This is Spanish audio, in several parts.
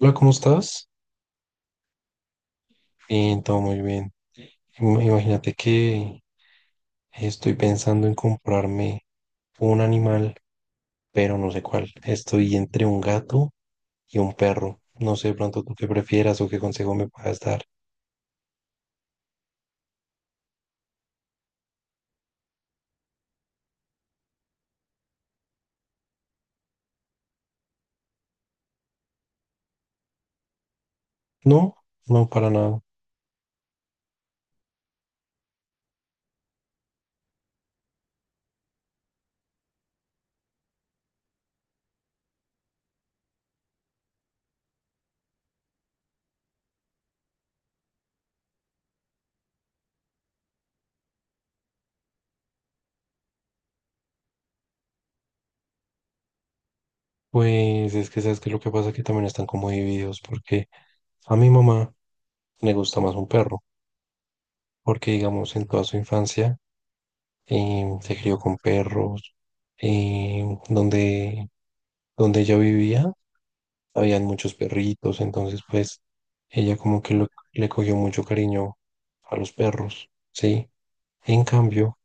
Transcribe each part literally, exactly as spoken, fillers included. Hola, ¿cómo estás? Bien, todo muy bien. Im- Imagínate que estoy pensando en comprarme un animal, pero no sé cuál. Estoy entre un gato y un perro. No sé de pronto tú qué prefieras o qué consejo me puedas dar. No, no, para nada. Pues es que sabes que lo que pasa es que también están como divididos porque a mi mamá le gusta más un perro, porque digamos en toda su infancia eh, se crió con perros, eh, donde, donde ella vivía habían muchos perritos, entonces pues ella como que lo- le cogió mucho cariño a los perros, ¿sí? En cambio,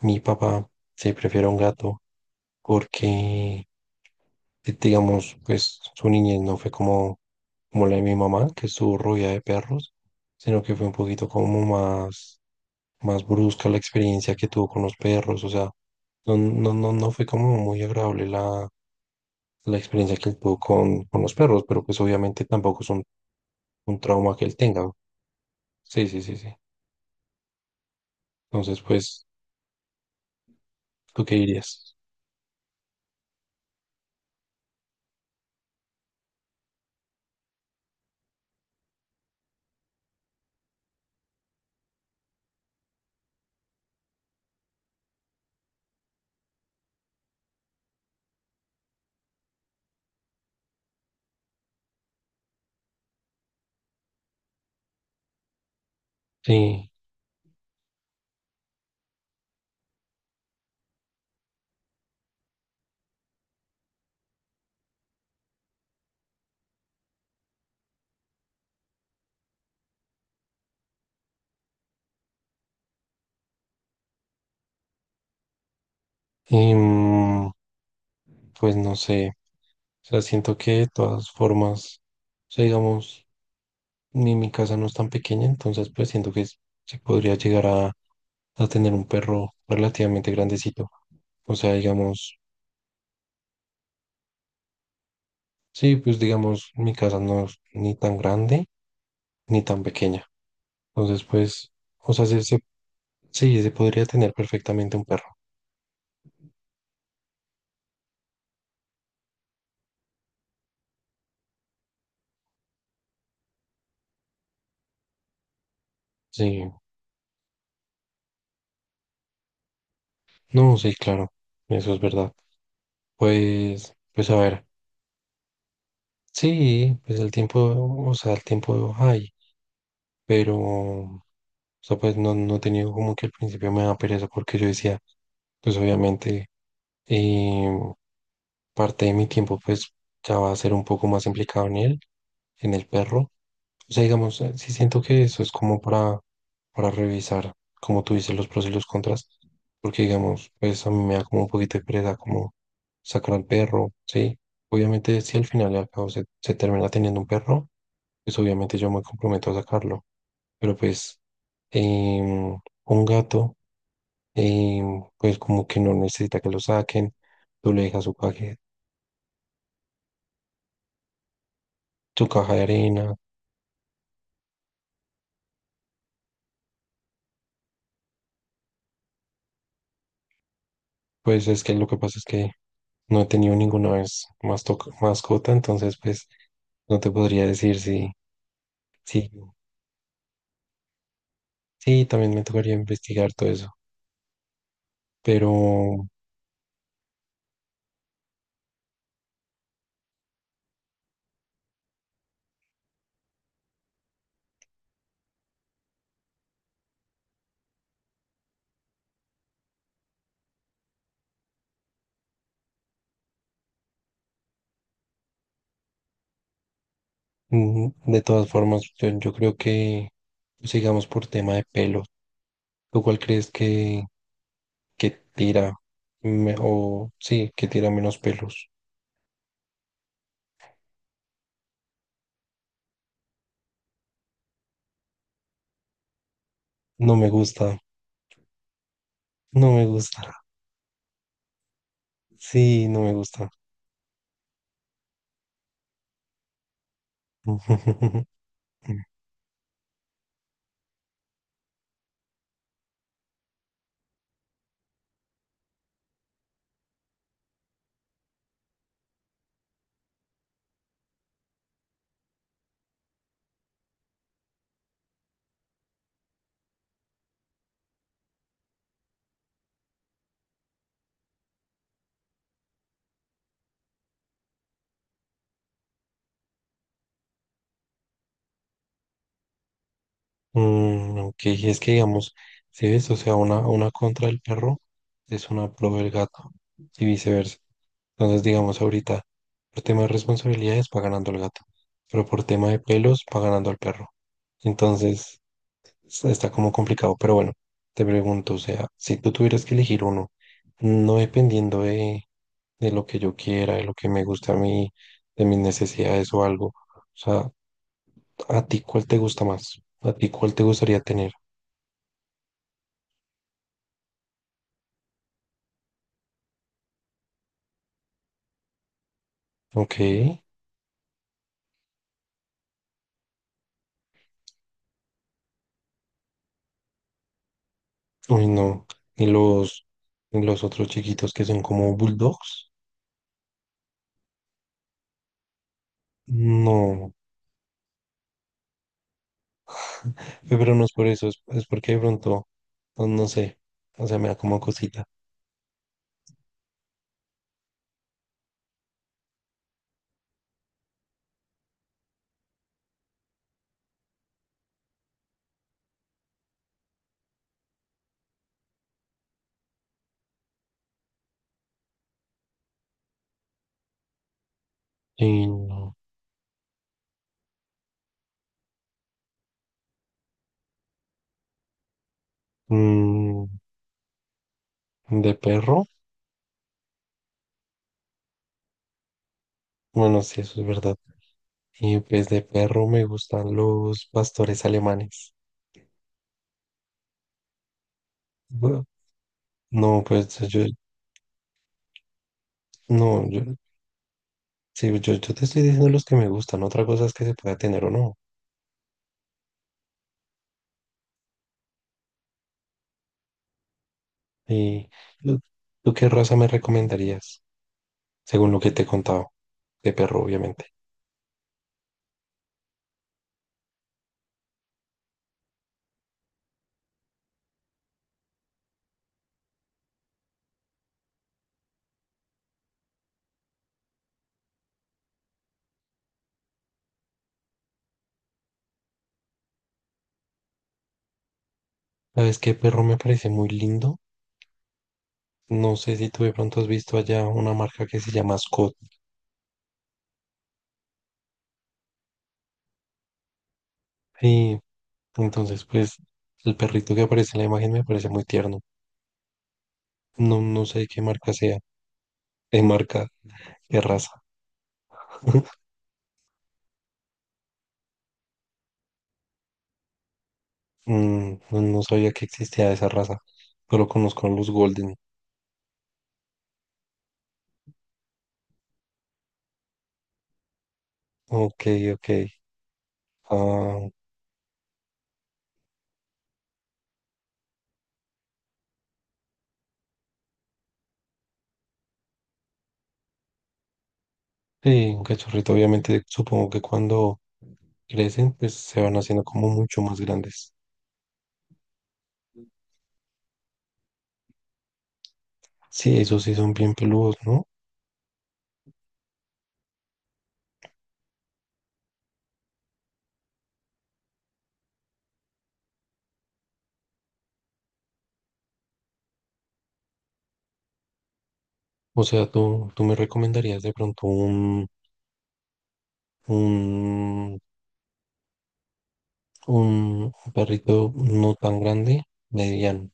mi papá se prefiere a un gato porque, eh, digamos, pues su niñez no fue como, como la de mi mamá, que estuvo rodeada de perros, sino que fue un poquito como más, más brusca la experiencia que tuvo con los perros, o sea, no, no, no, no fue como muy agradable la, la experiencia que él tuvo con, con los perros, pero pues obviamente tampoco es un un trauma que él tenga. Sí, sí, sí, sí. Entonces, pues, ¿tú qué dirías? Sí, y mm, pues no sé, o sea, siento que de todas formas, o sea, digamos, ni mi casa no es tan pequeña, entonces pues siento que se podría llegar a, a tener un perro relativamente grandecito. O sea, digamos, sí, pues digamos, mi casa no es ni tan grande ni tan pequeña. Entonces, pues, o sea, se, se- sí, se podría tener perfectamente un perro. Sí, no, sí, claro, eso es verdad. Pues, pues a ver, sí, pues el tiempo, o sea, el tiempo hay, pero, o sea, pues no, no he tenido como que al principio me da pereza porque yo decía, pues obviamente eh, parte de mi tiempo pues ya va a ser un poco más implicado en él, en el perro. O sea, digamos, eh, sí siento que eso es como para, para revisar, como tú dices, los pros y los contras, porque digamos, pues a mí me da como un poquito de pereza como sacar al perro, ¿sí? Obviamente, si al final y al cabo se, se termina teniendo un perro, pues obviamente yo me comprometo a sacarlo, pero pues em, un gato, em, pues como que no necesita que lo saquen, tú le dejas su caja, su caja de arena, pues es que lo que pasa es que no he tenido ninguna vez más mascota, entonces pues no te podría decir si, sí, sí, también me tocaría investigar todo eso, pero mm, de todas formas, yo, yo creo que pues, sigamos por tema de pelo. ¿Tú cuál crees que, que tira? Me- o sí, que tira menos pelos. No me gusta, no me gusta, sí, no me gusta. Mm, ok, es que digamos, si ves, o sea, una, una contra el perro es una pro del gato y viceversa. Entonces, digamos, ahorita, por tema de responsabilidades va ganando el gato, pero por tema de pelos va ganando el perro. Entonces, es- está como complicado, pero bueno, te pregunto, o sea, si tú tuvieras que elegir uno, no dependiendo de, de lo que yo quiera, de lo que me gusta a mí, de mis necesidades o algo, o sea, ¿a ti cuál te gusta más? ¿A ti cuál te gustaría tener? Ok. Uy, no. Y los, y los otros chiquitos que son como bulldogs. No. Pero no es por eso, es, es porque de pronto, pues, no sé. O sea, me da como cosita. Y no. Mm, de perro. Bueno, sí, eso es verdad. Y pues de perro me gustan los pastores alemanes. Bu- No, pues yo, no, yo, sí, yo, yo te estoy diciendo los que me gustan. Otra cosa es que se pueda tener o no. Y, ¿tú tú qué raza me recomendarías? Según lo que te he contado, de perro, obviamente. ¿Sabes qué perro me parece muy lindo? No sé si tú de pronto has visto allá una marca que se llama Scott. Sí, entonces pues el perrito que aparece en la imagen me parece muy tierno. No, no sé qué marca sea, qué marca, qué raza. Mm, no, no sabía que existía esa raza, pero conozco a los Golden. Ok, ok. Ah, sí, un cachorrito, obviamente supongo que cuando crecen pues se van haciendo como mucho más grandes. Sí, esos sí son bien peludos, ¿no? O sea, tú, tú me recomendarías de pronto un, un, un perrito no tan grande, mediano.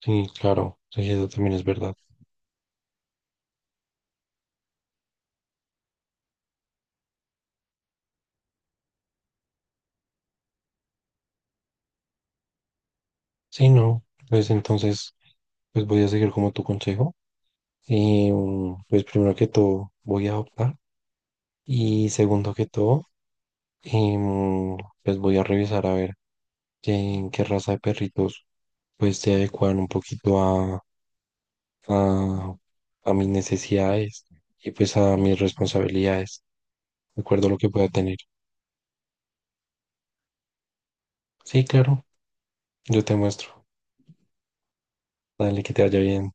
Sí, claro, sí, eso también es verdad. Sí, no, pues entonces, pues voy a seguir como tu consejo. Y mm, pues primero que todo, voy a adoptar. Y segundo que todo, em, pues voy a revisar a ver qué, qué raza de perritos pues se adecuan un poquito a, a mis necesidades y pues a mis responsabilidades, de acuerdo a lo que pueda tener. Sí, claro, yo te muestro. Dale, que te vaya bien.